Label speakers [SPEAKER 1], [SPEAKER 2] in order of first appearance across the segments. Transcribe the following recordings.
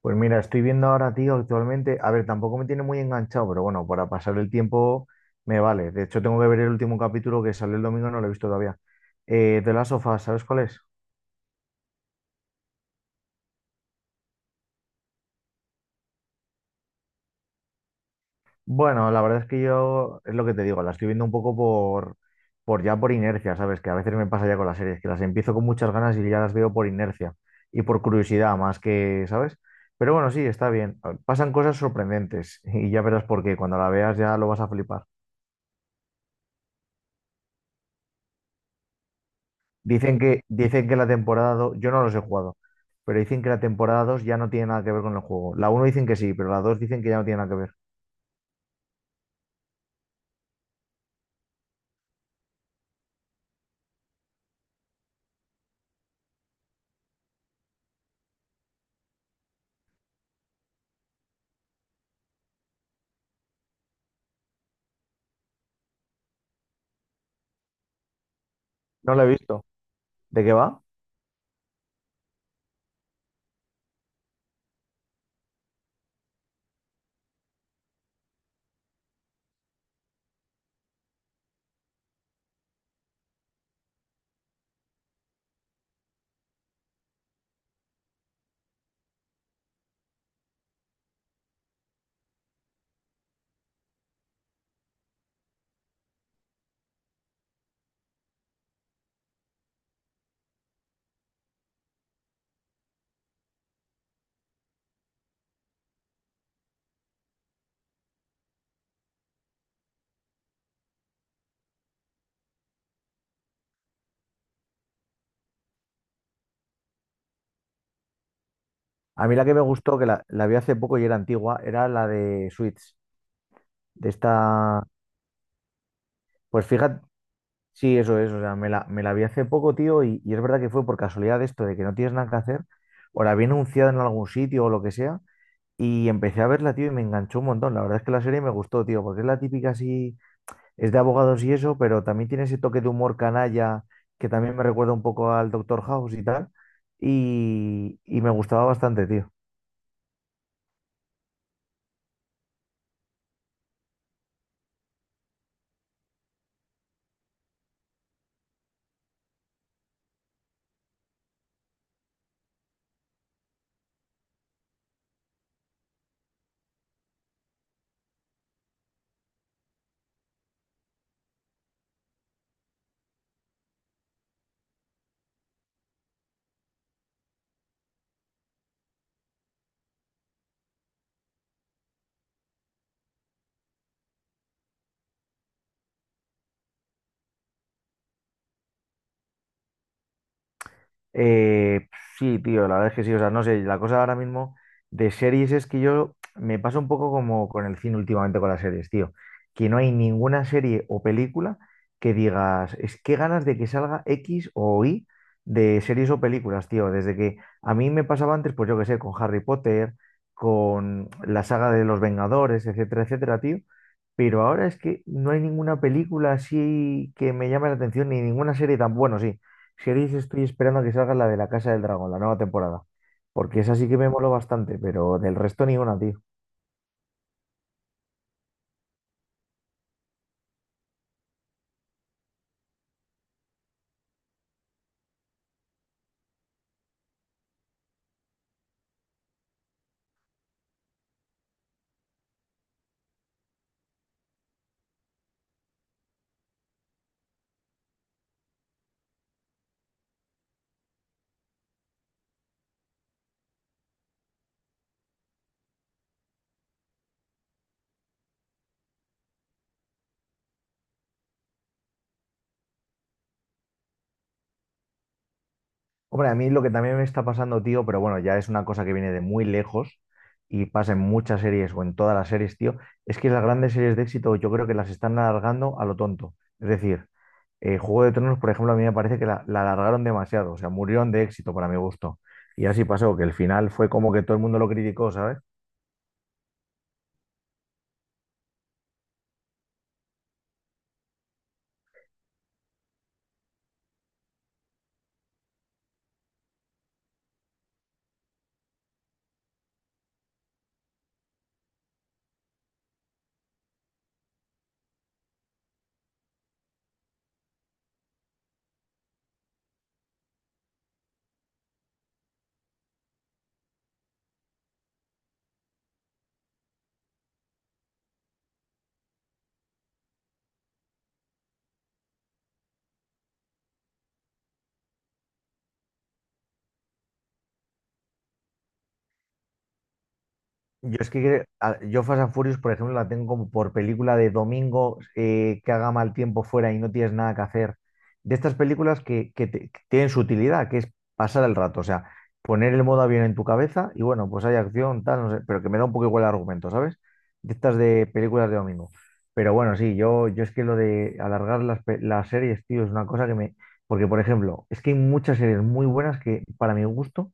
[SPEAKER 1] Pues mira, estoy viendo ahora, tío, actualmente. A ver, tampoco me tiene muy enganchado, pero bueno, para pasar el tiempo me vale. De hecho, tengo que ver el último capítulo que salió el domingo, no lo he visto todavía. The Last of Us, ¿sabes cuál es? Bueno, la verdad es que yo, es lo que te digo, la estoy viendo un poco por, ya por inercia, ¿sabes? Que a veces me pasa ya con las series, que las empiezo con muchas ganas y ya las veo por inercia y por curiosidad más que, ¿sabes? Pero bueno, sí, está bien. Pasan cosas sorprendentes y ya verás por qué. Cuando la veas ya lo vas a flipar. Dicen que la temporada 2, yo no los he jugado, pero dicen que la temporada 2 ya no tiene nada que ver con el juego. La uno dicen que sí, pero la 2 dicen que ya no tiene nada que ver. No la he visto. ¿De qué va? A mí la que me gustó, que la vi hace poco y era antigua, era la de Switch. De esta. Pues fíjate, sí, eso es. O sea, me la vi hace poco, tío, y, es verdad que fue por casualidad esto de que no tienes nada que hacer, o la vi anunciada en algún sitio o lo que sea, y empecé a verla, tío, y me enganchó un montón. La verdad es que la serie me gustó, tío, porque es la típica así, es de abogados y eso, pero también tiene ese toque de humor canalla que también me recuerda un poco al Doctor House y tal. Y me gustaba bastante, tío. Eh, sí, tío, la verdad es que sí. O sea, no sé, la cosa ahora mismo de series es que yo me pasa un poco como con el cine últimamente con las series, tío. Que no hay ninguna serie o película que digas, es que ganas de que salga X o Y de series o películas, tío. Desde que a mí me pasaba antes, pues yo qué sé, con Harry Potter, con la saga de los Vengadores, etcétera, etcétera, tío. Pero ahora es que no hay ninguna película así que me llame la atención, ni ninguna serie, tan bueno, sí. Series estoy esperando a que salga la de La Casa del Dragón, la nueva temporada, porque esa sí que me moló bastante, pero del resto ni una, tío. Hombre, a mí lo que también me está pasando, tío, pero bueno, ya es una cosa que viene de muy lejos y pasa en muchas series o en todas las series, tío, es que las grandes series de éxito yo creo que las están alargando a lo tonto. Es decir, Juego de Tronos, por ejemplo, a mí me parece que la alargaron demasiado, o sea, murieron de éxito para mi gusto. Y así pasó, que el final fue como que todo el mundo lo criticó, ¿sabes? Yo es que creo- a- yo Fast and Furious, por ejemplo, la tengo como por película de domingo, que haga mal tiempo fuera y no tienes nada que hacer. De estas películas que tienen su utilidad, que es pasar el rato, o sea, poner el modo avión en tu cabeza y bueno, pues hay acción, tal, no sé, pero que me da un poco igual el argumento, ¿sabes? De estas de películas de domingo. Pero bueno, sí, yo es que lo de alargar las series, tío, es una cosa que me... Porque, por ejemplo, es que hay muchas series muy buenas que, para mi gusto,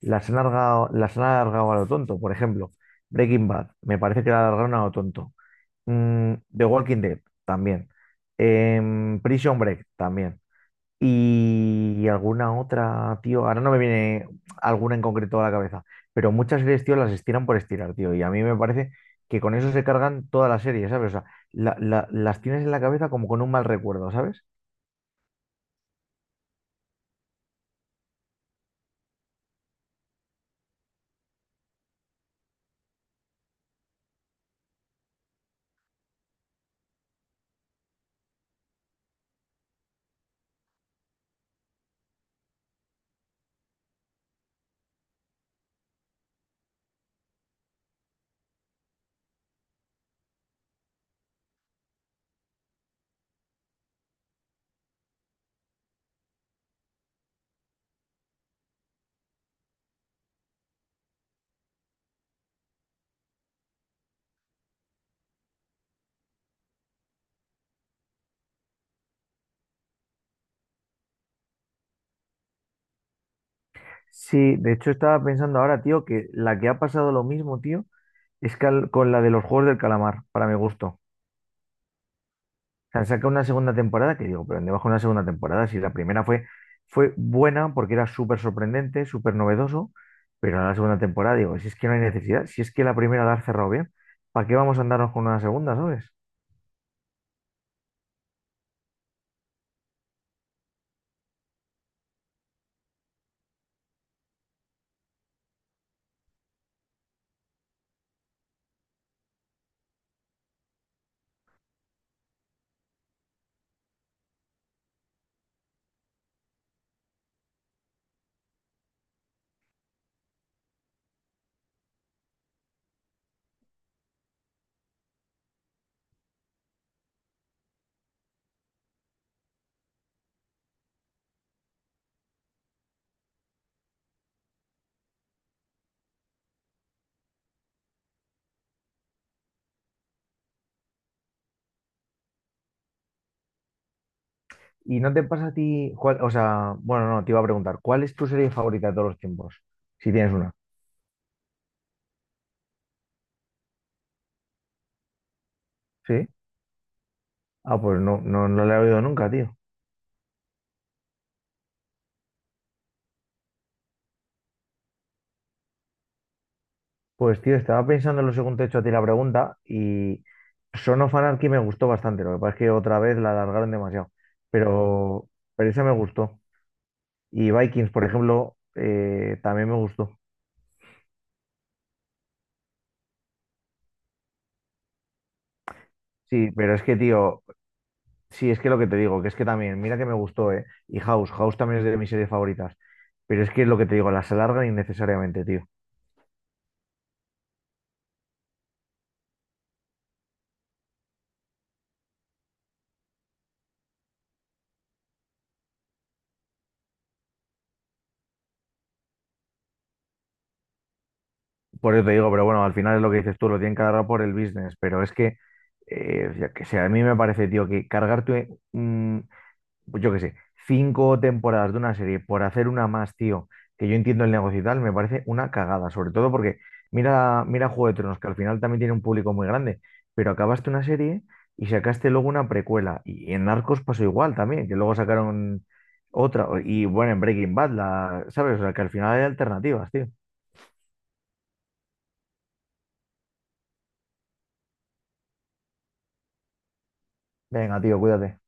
[SPEAKER 1] las han alargado a lo tonto. Por ejemplo, Breaking Bad, me parece que la alargaron a lo tonto. The Walking Dead, también. Prison Break, también. Y alguna otra, tío. Ahora no me viene alguna en concreto a la cabeza. Pero muchas series, tío, las estiran por estirar, tío. Y a mí me parece que con eso se cargan toda la serie, ¿sabes? O sea, las tienes en la cabeza como con un mal recuerdo, ¿sabes? Sí, de hecho estaba pensando ahora, tío, que la que ha pasado lo mismo, tío, es con la de los Juegos del Calamar, para mi gusto. Sea, saca una segunda temporada que digo, pero ¿dónde bajo una segunda temporada? Si la primera fue buena porque era súper sorprendente, súper novedoso, pero en la segunda temporada digo, si es que no hay necesidad, si es que la primera la has cerrado bien, ¿para qué vamos a andarnos con una segunda, sabes? ¿Y no te pasa a ti, cuál, o sea, bueno, no, te iba a preguntar, cuál es tu serie favorita de todos los tiempos? Si tienes una. ¿Sí? Ah, pues no, no, no la he oído nunca, tío. Pues tío, estaba pensando en lo segundo hecho a ti la pregunta y Son of Anarchy me gustó bastante, lo que pasa es que otra vez la alargaron demasiado, pero, esa me gustó. Y Vikings, por ejemplo, también me gustó. Sí, pero es que, tío, sí, es que lo que te digo, que es que también, mira que me gustó, ¿eh? Y House, House también es de mis series favoritas, pero es que es lo que te digo, las alargan innecesariamente, tío. Por eso te digo, pero bueno, al final es lo que dices tú, lo tienen que agarrar por el business, pero es que, yo qué sé, a mí me parece, tío, que cargarte pues yo qué sé, cinco temporadas de una serie por hacer una más, tío, que yo entiendo el negocio y tal, me parece una cagada, sobre todo porque mira, mira Juego de Tronos, que al final también tiene un público muy grande, pero acabaste una serie y sacaste luego una precuela, y en Narcos pasó igual también, que luego sacaron otra, y bueno, en Breaking Bad, la, ¿sabes? O sea, que al final hay alternativas, tío. Venga, tío, cuídate.